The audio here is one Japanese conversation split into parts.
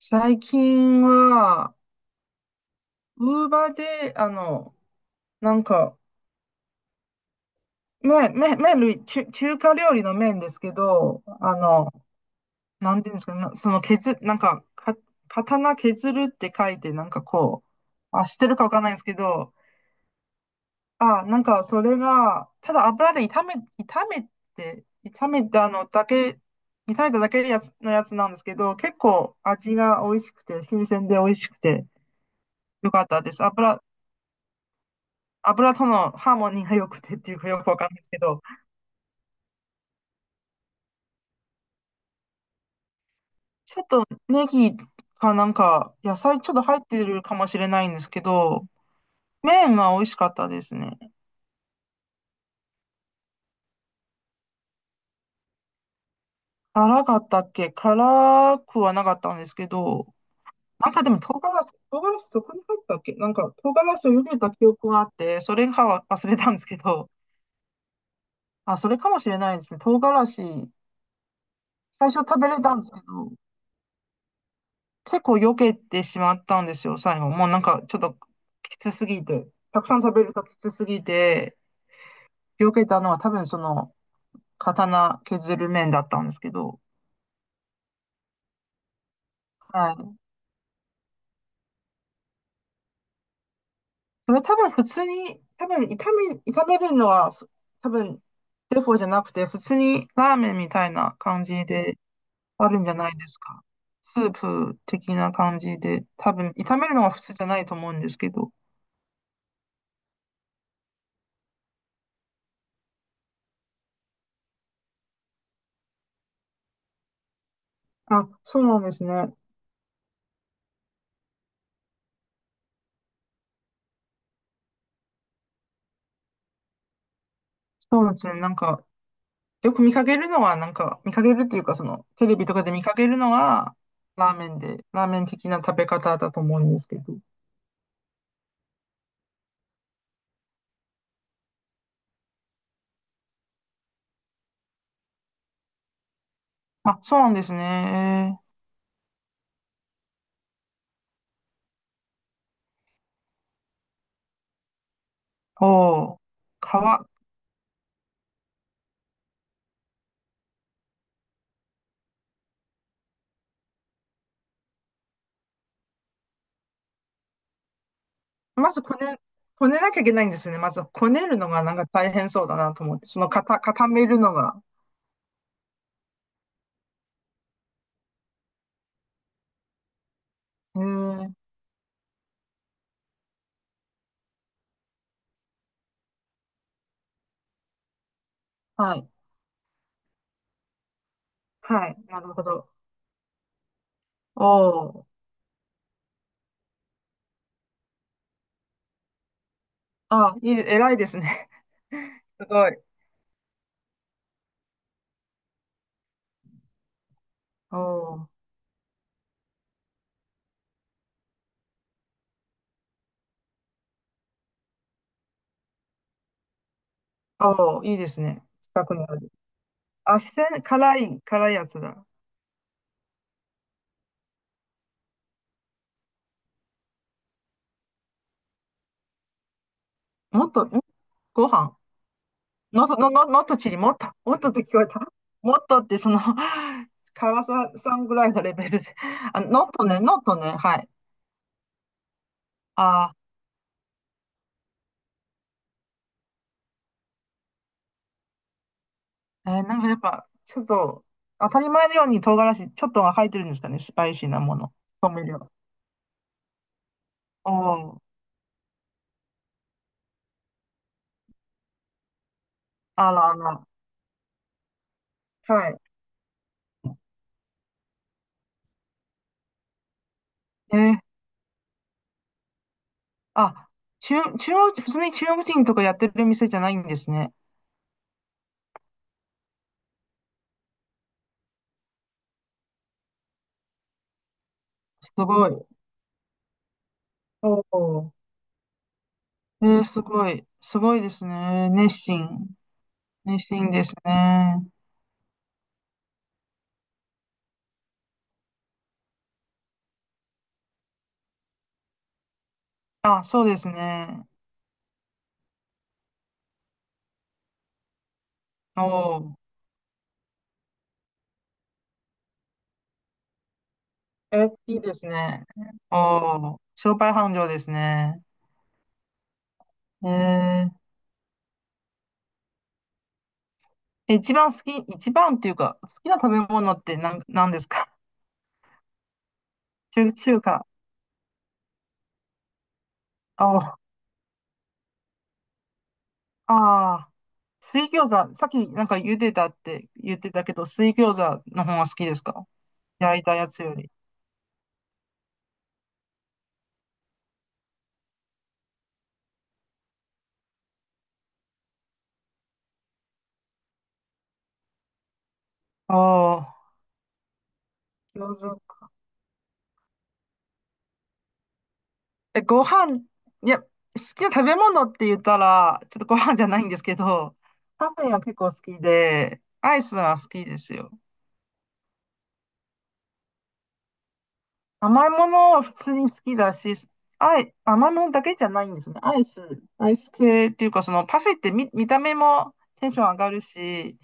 最近は、ウーバーで、なんか、麺類、中華料理の麺ですけど、なんていうんですかね、なその削、なんか、か、刀削るって書いて、あ、知ってるかわかんないんですけど、あ、なんかそれが、ただ油で炒め、炒めて、炒めたのだけ、炒めただけのやつなんですけど、結構味が美味しくて、新鮮で美味しくて、よかったです。油とのハーモニーが良くてっていうかよくわかんないですけど、ちょっとネギかなんか野菜ちょっと入ってるかもしれないんですけど、麺が美味しかったですね。辛かったっけ？辛くはなかったんですけど、なんかでも唐辛子そこに入ったっけ、なんか唐辛子を茹でた記憶があって、それかは忘れたんですけど、あ、それかもしれないですね。唐辛子、最初食べれたんですけど、結構避けてしまったんですよ、最後。もうなんかちょっときつすぎて。たくさん食べるときつすぎて、避けたのは多分その刀削る麺だったんですけど。はい。それ多分普通に、多分炒め、炒めるのは多分デフォじゃなくて、普通にラーメンみたいな感じであるんじゃないですか？スープ的な感じで、多分炒めるのは普通じゃないと思うんですけど。あ、そうなんですね。そうですね。よく見かけるのは、見かけるっていうか、その、テレビとかで見かけるのは、ラーメン的な食べ方だと思うんですけど。あ、そうなんですね。おー、皮、まずこね、こねなきゃいけないんですよね。まず、こねるのがなんか大変そうだなと思って、その、固めるのが。へー、はい。はい、なるほど。おー、あ、偉いですね。すごい。おー、おー、いいですね。近くにある。あ、四川、辛いやつだ。もっと、ご飯の、のっとちり、もっと、もっとって聞こえた。もっとって、その、辛ささんぐらいのレベルで。あ、ノットね、ノットね、はい。あなんかやっぱ、ちょっと、当たり前のように唐辛子、ちょっとが入ってるんですかね、スパイシーなもの。調味料。おー、あらあら。はい。えーあ、中央、普通に中国人とかやってる店じゃないんですね。すごい。おー、すごい。すごいですね。熱心。熱心ですね。あ、そうですね。おお。え、いいですね。おお。商売繁盛ですね。えー、一番っていうか、好きな食べ物ってなんですか？中華。おお。ああ。水餃子。さっきなんか茹でたって言ってたけど、水餃子の方が好きですか？焼いたやつより。おお。餃子か。え、ご飯、いや、好きな食べ物って言ったら、ちょっとご飯じゃないんですけど、パフェが結構好きで、アイスは好きですよ。甘いものは普通に好きだし、甘いものだけじゃないんですよね。アイス系っていうか、そのパフェって見た目もテンション上がるし、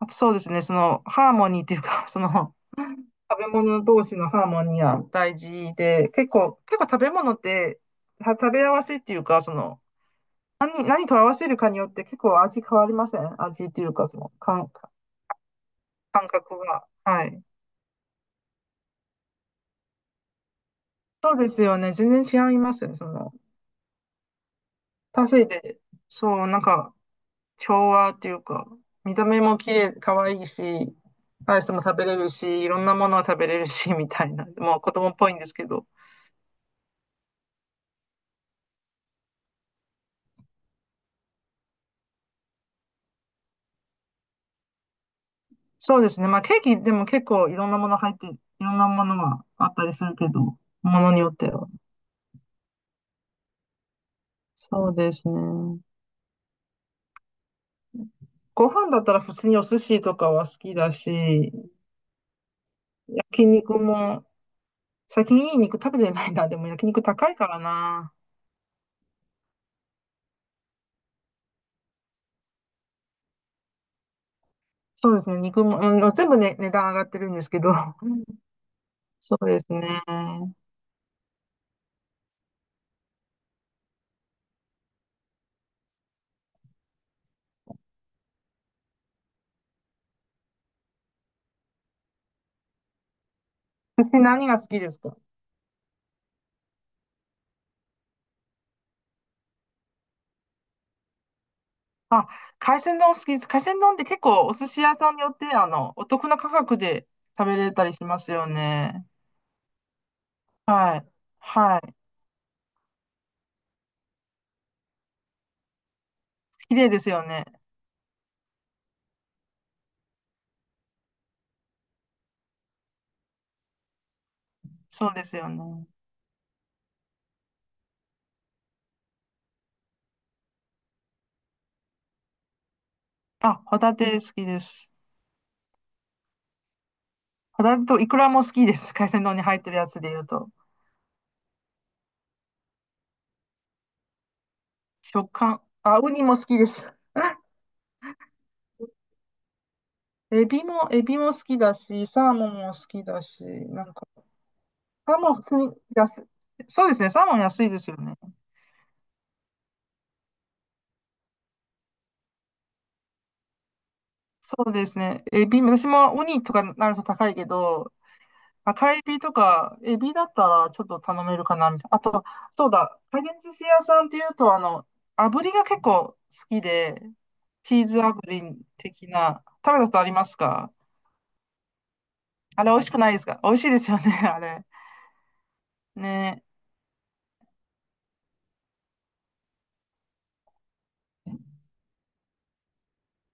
あとそうですね、そのハーモニーっていうか、その食べ物同士のハーモニーは大事で、結構食べ物って、食べ合わせっていうか、その、何と合わせるかによって結構味変わりません？味っていうか、その感覚が。はい。そうですよね。全然違いますよね。その、パフェで、そう、なんか、調和っていうか、見た目も綺麗、可愛いし、アイスも食べれるし、いろんなものを食べれるし、みたいな。もう子供っぽいんですけど。そうですね。まあケーキでも結構いろんなもの入って、いろんなものがあったりするけど、ものによっては。そうですね。ご飯だったら普通にお寿司とかは好きだし、焼肉も、最近いい肉食べてないな。でも焼肉高いからな。そうですね。肉も、うん、全部ね、値段上がってるんですけど。うん、そうですね。私何が好きですか？あ、海鮮丼好きです。海鮮丼って結構お寿司屋さんによって、お得な価格で食べれたりしますよね。はい。はい。綺麗ですよね。そうですよね。あ、ホタテ好きです。ホタテとイクラも好きです。海鮮丼に入ってるやつで言うと。食感。あ、ウニも好きです。エビも好きだし、サーモンも好きだし、なんか、サーモン普通に安い。そうですね、サーモン安いですよね。そうですね、エビ、私もウニとかなると高いけど、赤エビとか、エビだったらちょっと頼めるかな、みたいな。あと、そうだ、回転寿司屋さんっていうと、炙りが結構好きで、チーズ炙り的な、食べたことありますか？あれ美味しくないですか？美味しいですよね、あれ。ね。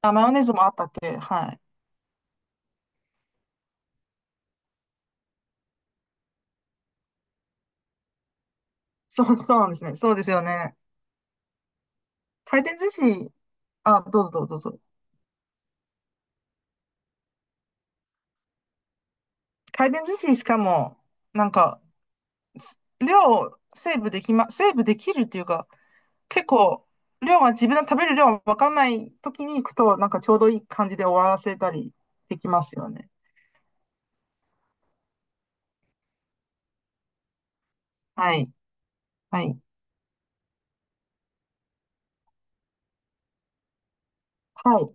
あ、マヨネーズもあったっけ？はい。そう、そうなんですね。そうですよね。回転寿司、あ、どうぞどうぞどうぞ。回転寿司しかも、なんか、量をセーブできるっていうか、結構、量が自分の食べる量がわかんない時に行くと、なんかちょうどいい感じで終わらせたりできますよね。はい。はい。はい。